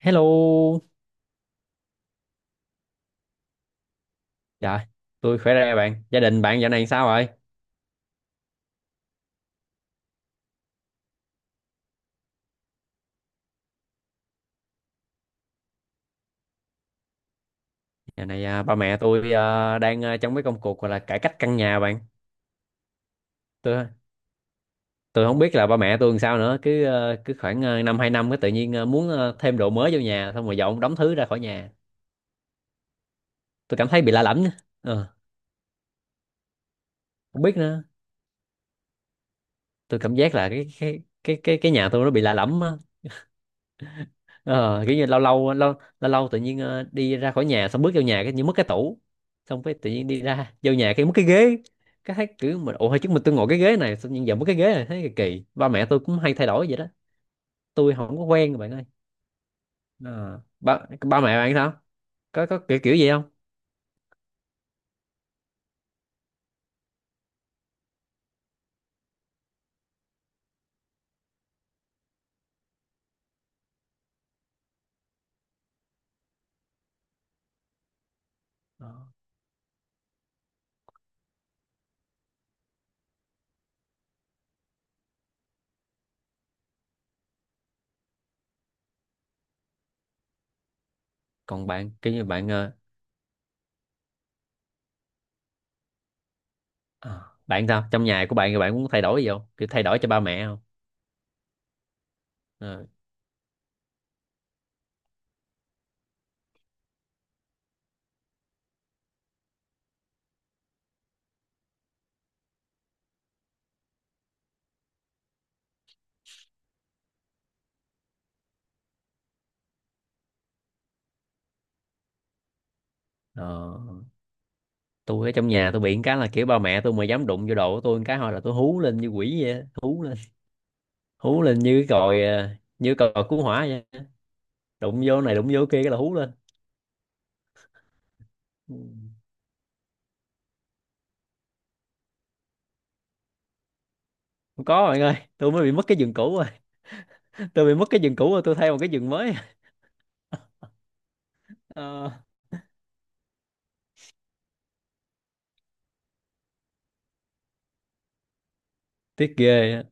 Hello, dạ, tôi khỏe đây bạn. Gia đình bạn dạo này sao rồi? Dạo này ba mẹ tôi đang trong mấy công cuộc gọi là cải cách căn nhà bạn. Tôi tôi không biết là ba mẹ tôi làm sao nữa. Cứ khoảng năm hai năm cái tự nhiên muốn thêm đồ mới vô nhà, xong rồi dọn đóng thứ ra khỏi nhà. Tôi cảm thấy bị lạ lẫm. Ờ, không biết nữa. Tôi cảm giác là cái nhà tôi nó bị lạ lẫm á. Ờ kiểu như lâu lâu lâu lâu lâu tự nhiên đi ra khỏi nhà xong bước vô nhà cái như mất cái tủ, xong cái tự nhiên đi ra vô nhà cái mất cái ghế, cái thấy kiểu mình ủa hồi trước tôi ngồi cái ghế này xong nhưng giờ mất cái ghế này thấy kỳ kỳ. Ba mẹ tôi cũng hay thay đổi vậy đó, tôi không có quen bạn ơi. Ờ, ba ba mẹ bạn sao, có kiểu kiểu gì không? Ờ. Còn bạn kiểu như bạn sao, trong nhà của bạn thì bạn cũng thay đổi gì không, kiểu thay đổi cho ba mẹ không? Ờ. Ờ. Tôi ở trong nhà tôi bị một cái là kiểu ba mẹ tôi mà dám đụng vô đồ của tôi một cái thôi là tôi hú lên như quỷ vậy á. Hú lên như cái còi, như còi cứu hỏa vậy. Đụng vô này đụng vô kia cái là hú lên. Ừ. Không có bạn ơi, tôi mới bị mất cái giường cũ rồi. Tôi bị mất cái giường cũ rồi, tôi thay một cái giường mới. Ờ, tiếc ghê á.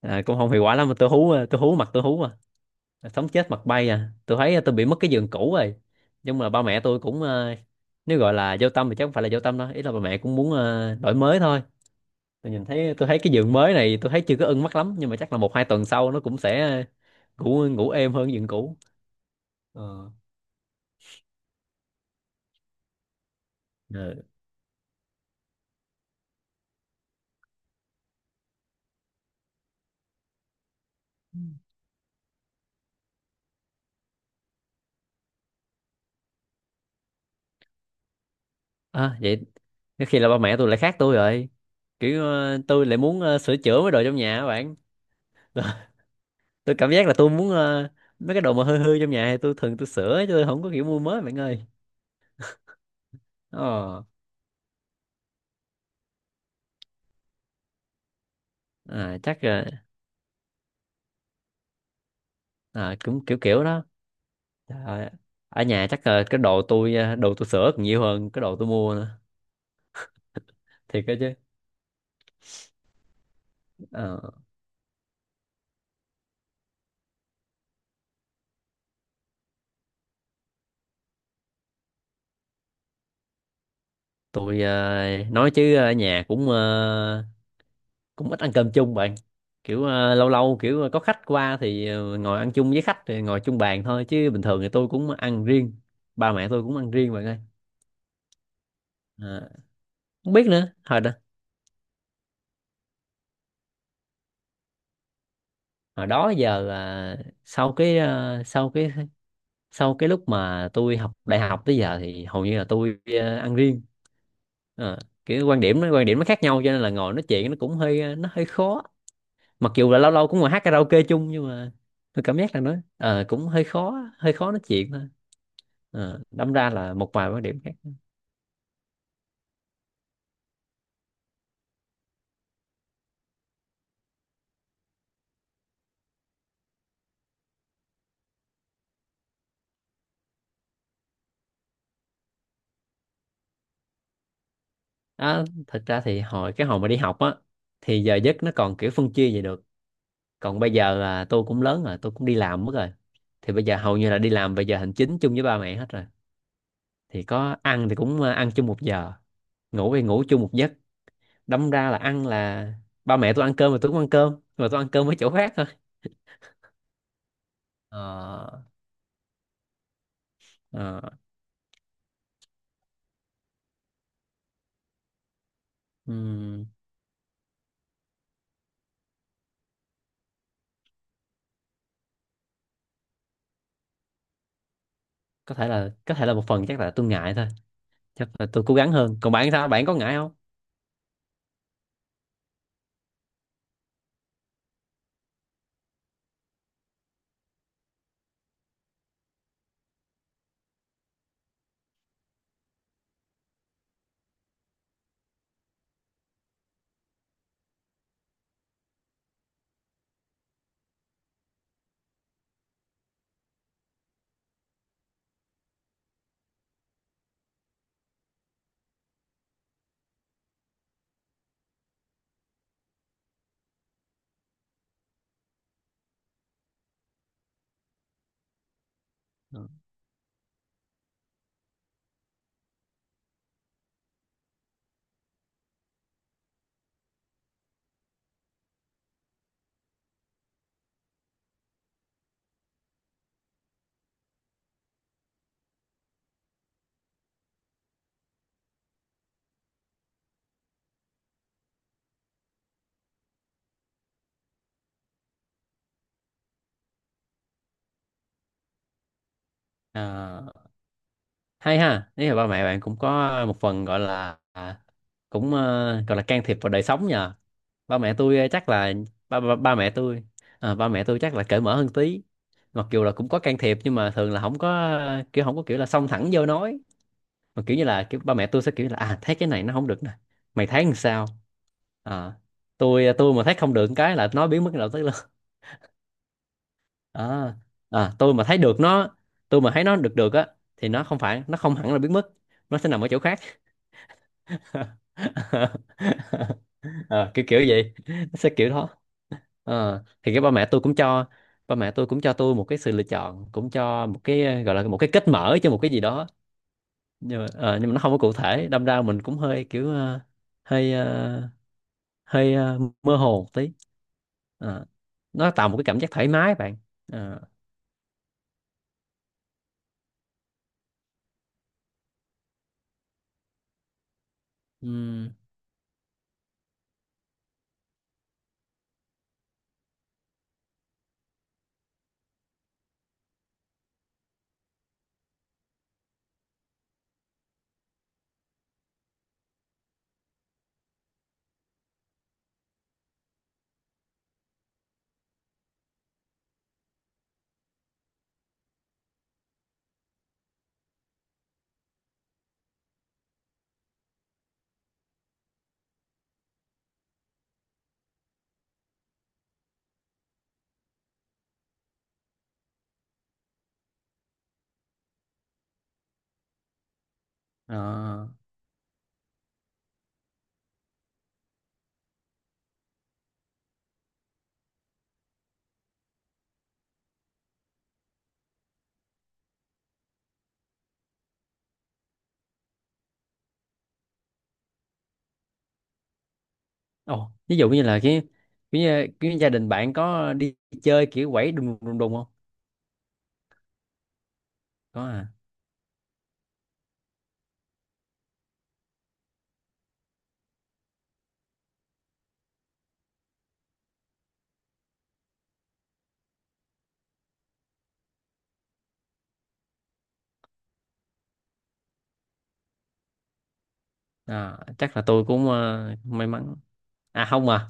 Cũng không hiệu quả lắm mà tôi hú mặt tôi hú, sống chết mặt bay, tôi thấy tôi bị mất cái giường cũ rồi. Nhưng mà ba mẹ tôi cũng nếu gọi là vô tâm thì chắc không phải là vô tâm đâu, ý là ba mẹ cũng muốn đổi mới thôi. Tôi thấy cái giường mới này tôi thấy chưa có ưng mắt lắm, nhưng mà chắc là một hai tuần sau nó cũng sẽ ngủ ngủ êm hơn giường cũ. Ờ. Ừ. Vậy có khi là ba mẹ tôi lại khác tôi rồi. Kiểu tôi lại muốn sửa chữa mấy đồ trong nhà các bạn. Tôi cảm giác là mấy cái đồ mà hư hư trong nhà thì tôi thường tôi sửa chứ tôi không có kiểu mua mới bạn ơi. ờ à, chắc ờ, Cũng kiểu kiểu đó. Trời ơi, ở nhà chắc ờ, cái đồ tôi ờ, đồ tôi sửa còn nhiều hơn cái đồ tôi mua nữa, thiệt đó chứ. Ờ. Nói chứ ở nhà cũng ít ăn cơm chung bạn, kiểu lâu lâu kiểu có khách qua thì ngồi ăn chung với khách thì ngồi chung bàn thôi, chứ bình thường thì tôi cũng ăn riêng, ba mẹ tôi cũng ăn riêng bạn ơi. Ờ, không biết nữa, hồi đó giờ là sau cái ờ, sau cái lúc mà tôi học đại học tới giờ thì hầu như là ăn riêng. Ờ, kiểu quan điểm nó khác nhau cho nên là ngồi nói chuyện nó cũng nó hơi khó, mặc dù là lâu lâu cũng ngồi hát karaoke chung, nhưng mà tôi cảm giác là cũng hơi khó nói chuyện thôi. Ờ, đâm ra là một vài quan điểm khác. À, thật ra thì hồi mà đi học á thì giờ giấc nó còn kiểu phân chia vậy được, còn bây giờ là tôi cũng lớn rồi, tôi cũng đi làm mất rồi, thì bây giờ hầu như là đi làm về giờ hành chính chung với ba mẹ hết rồi, thì có ăn thì cũng ăn chung một giờ, ngủ thì ngủ chung một giấc, đâm ra là ăn là ba mẹ tôi ăn cơm mà tôi cũng ăn cơm mà tôi ăn cơm ở chỗ khác thôi. Ờ, ờ, ừ. Có thể là một phần chắc là tôi ngại thôi, chắc là tôi cố gắng hơn. Còn bạn sao, bạn có ngại không? Ừ. À, hay ha, nếu là ba mẹ bạn cũng có một phần gọi là gọi là can thiệp vào đời sống nhờ. Ba mẹ tôi, chắc là ba ba, ba mẹ tôi à, ba mẹ tôi chắc là cởi mở hơn tí, mặc dù là cũng có can thiệp nhưng mà thường là không có kiểu, không có kiểu là xông thẳng vô nói, mà kiểu như là kiểu ba mẹ tôi sẽ kiểu là à thấy cái này nó không được nè, mày thấy làm sao. à, tôi mà thấy không được cái là nói biến mất đầu tới luôn. à, tôi mà thấy được nó, tôi mà thấy nó được được á thì nó không phải nó không hẳn là biến mất, nó sẽ nằm ở chỗ khác. Ờ, kiểu kiểu vậy, nó sẽ kiểu đó. Ờ, thì cái ba mẹ tôi cũng cho tôi một cái sự lựa chọn, cũng cho một cái gọi là một cái kết mở cho một cái gì đó, nhưng mà nó không có cụ thể, đâm ra mình cũng hơi kiểu hơi ờ, mơ hồ một tí. Ờ, nó tạo một cái cảm giác thoải mái bạn. Ờ, ừm, ờ. Ồ, ví dụ như là cái gia đình bạn có đi chơi kiểu quẩy đùng đùng đùng không? Có à. À, chắc là tôi cũng may mắn. À không à.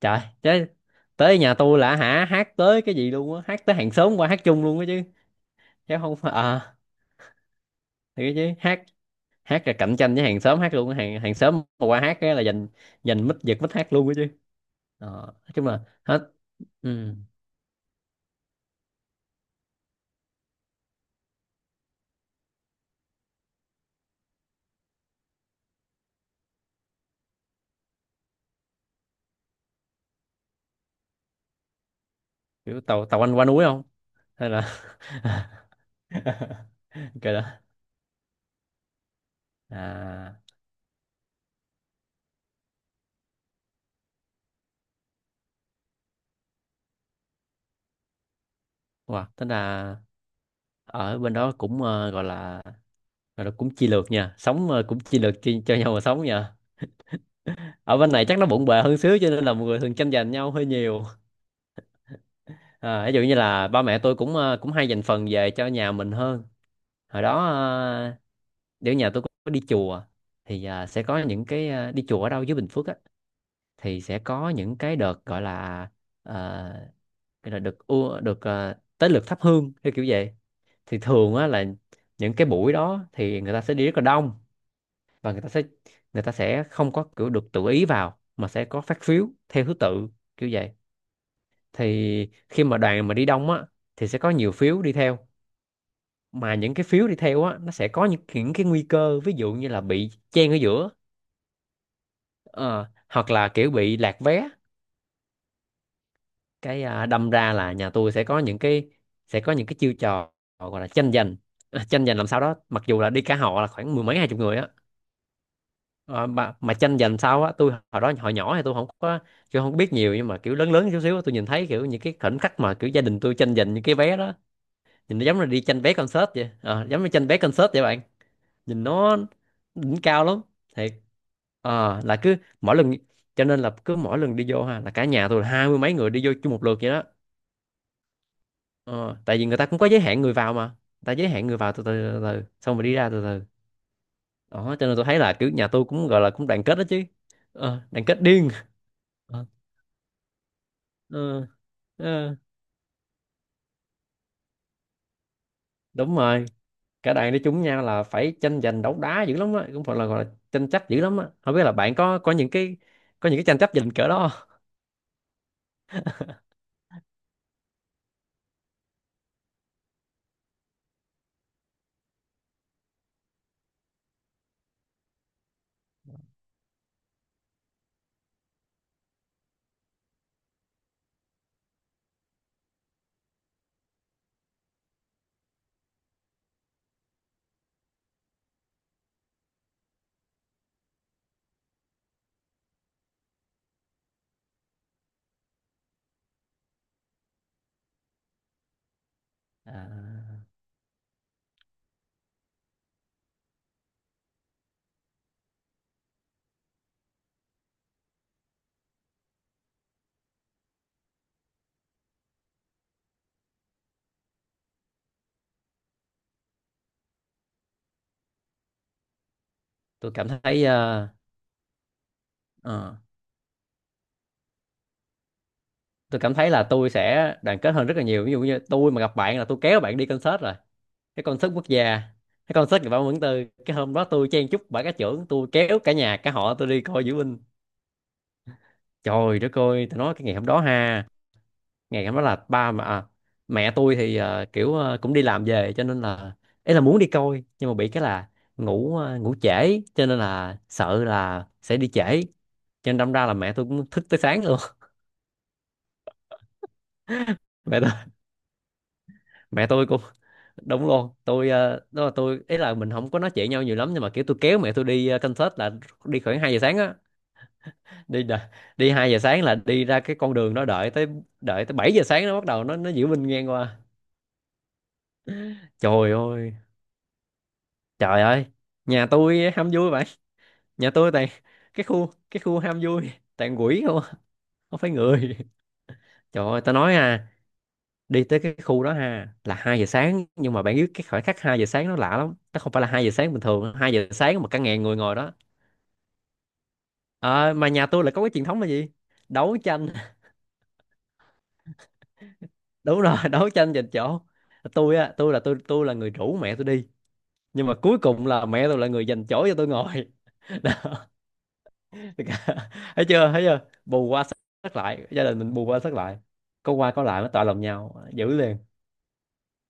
Trời, chứ tới nhà tôi là hả hát tới cái gì luôn á, hát tới hàng xóm qua hát chung luôn á chứ. Chứ không phải à, thì chứ hát hát là cạnh tranh với hàng xóm hát luôn á. Hàng hàng xóm mà qua hát cái là giành giành mic giật mic hát luôn á chứ. Ờ, nói chung là hết. ừ, Kiểu tàu tàu anh qua núi không? Hay là cái đó. À. Wow, tính là ở bên đó cũng gọi là cũng chi lược nha, sống cũng chi lược cho nhau mà sống nha. Ở bên này chắc nó bộn bề hơn xíu cho nên là mọi người thường tranh giành nhau hơi nhiều. À, ví dụ như là ba mẹ tôi cũng cũng hay dành phần về cho nhà mình hơn. Hồi đó nếu nhà tôi có đi chùa thì sẽ có những cái đi chùa ở đâu dưới Bình Phước á, thì sẽ có những cái đợt gọi là, à, cái là được được, tới lượt thắp hương theo kiểu vậy, thì thường á là những cái buổi đó thì người ta sẽ đi rất là đông, và người ta sẽ không có kiểu được tự ý vào, mà sẽ có phát phiếu theo thứ tự kiểu vậy. Thì khi mà đoàn mà đi đông á thì sẽ có nhiều phiếu đi theo, mà những cái phiếu đi theo á nó sẽ có những, cái nguy cơ ví dụ như là bị chen ở giữa, ờ, hoặc là kiểu bị lạc vé, cái đâm ra là nhà tôi sẽ có những cái, chiêu trò gọi là tranh giành, tranh giành làm sao đó, mặc dù là đi cả họ là khoảng mười mấy hai chục người á. Ờ, mà tranh giành sau á, tôi hồi đó hồi nhỏ thì tôi không có biết nhiều, nhưng mà kiểu lớn lớn chút xíu á, tôi nhìn thấy kiểu những cái khoảnh khắc mà kiểu gia đình tôi tranh giành những cái vé đó, nhìn nó giống là đi tranh vé concert vậy. Ờ, giống như tranh vé concert vậy bạn, nhìn nó đỉnh cao lắm, thiệt. Ờ, là cứ mỗi lần cho nên là cứ mỗi lần đi vô ha là cả nhà tôi là hai mươi mấy người đi vô chung một lượt vậy đó. Ờ, tại vì người ta cũng có giới hạn người vào, mà người ta giới hạn người vào từ từ, xong rồi đi ra từ từ, đó cho nên tôi thấy là kiểu nhà tôi cũng gọi là cũng đoàn kết đó chứ. Ờ, đoàn kết điên. Ờ, ờ, ờ, đúng rồi, cả đoàn đi chung nhau là phải tranh giành đấu đá dữ lắm á, cũng phải là gọi là tranh chấp dữ lắm á. Không biết là bạn có những cái, có những cái tranh chấp giành cỡ đó không? à, tôi cảm thấy ờ, ờ, tôi cảm thấy là tôi sẽ đoàn kết hơn rất là nhiều, ví dụ như tôi mà gặp bạn là tôi kéo bạn đi concert rồi, cái concert quốc gia, cái concert của Bảo Mẫn Tư. Cái hôm đó tôi chen chúc bà cá trưởng, tôi kéo cả nhà cả họ tôi đi coi diễu binh, trời đất ơi tôi nói cái ngày hôm đó ha. Ngày hôm nói là mẹ tôi thì cũng đi làm về cho nên là ấy là muốn đi coi, nhưng mà bị cái là ngủ trễ cho nên là sợ là sẽ đi trễ, cho nên đâm ra là mẹ tôi cũng thức tới sáng luôn. mẹ tôi mẹ tôi cũng đúng luôn, đó là tôi, ấy là mình không có nói chuyện nhau nhiều lắm, nhưng mà kiểu tôi kéo mẹ tôi đi concert là đi khoảng 2 giờ sáng á, đi đà- đi 2 giờ sáng là đi ra cái con đường đó, đợi tới, đợi tới 7 giờ sáng nó bắt đầu nó diễu binh ngang qua. Trời ơi, trời ơi, nhà tôi ham vui vậy, nhà tôi toàn cái khu ham vui, toàn quỷ không à, không phải người. Trời ơi tao nói à, đi tới cái khu đó ha là 2 giờ sáng, nhưng mà bạn biết cái khoảnh khắc 2 giờ sáng nó lạ lắm, nó không phải là 2 giờ sáng bình thường, 2 giờ sáng mà cả ngàn người ngồi đó. Ờ, mà nhà tôi là có cái truyền thống là gì, đấu tranh. Đúng rồi, đấu tranh giành chỗ. Tôi á tôi là tôi tôi là người rủ mẹ tôi đi, nhưng mà cuối cùng là mẹ tôi là người giành chỗ cho tôi ngồi. Thấy chưa, thấy chưa, bù qua sắp lại, gia đình mình bù qua sắp lại, có qua có lại nó tọa lòng nhau giữ liền.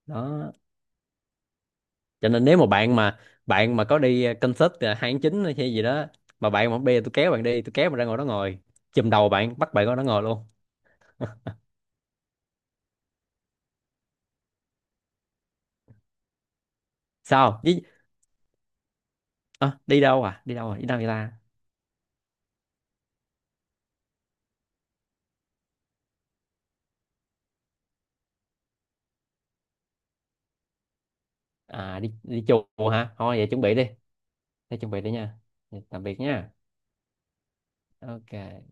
Đó, cho nên nếu mà bạn mà, có đi concert 2 tháng 9 hay gì đó, mà bạn mà bây giờ tôi kéo bạn đi, tôi kéo bạn ra ngồi đó ngồi, chùm đầu bạn bắt bạn ngồi đó ngồi luôn. Sao đi? À, đi đâu, à đi đâu, à đi đâu vậy ta? À, đi đi chùa hả, thôi vậy chuẩn bị đi. Thế chuẩn bị đi nha, tạm biệt nha. Ok.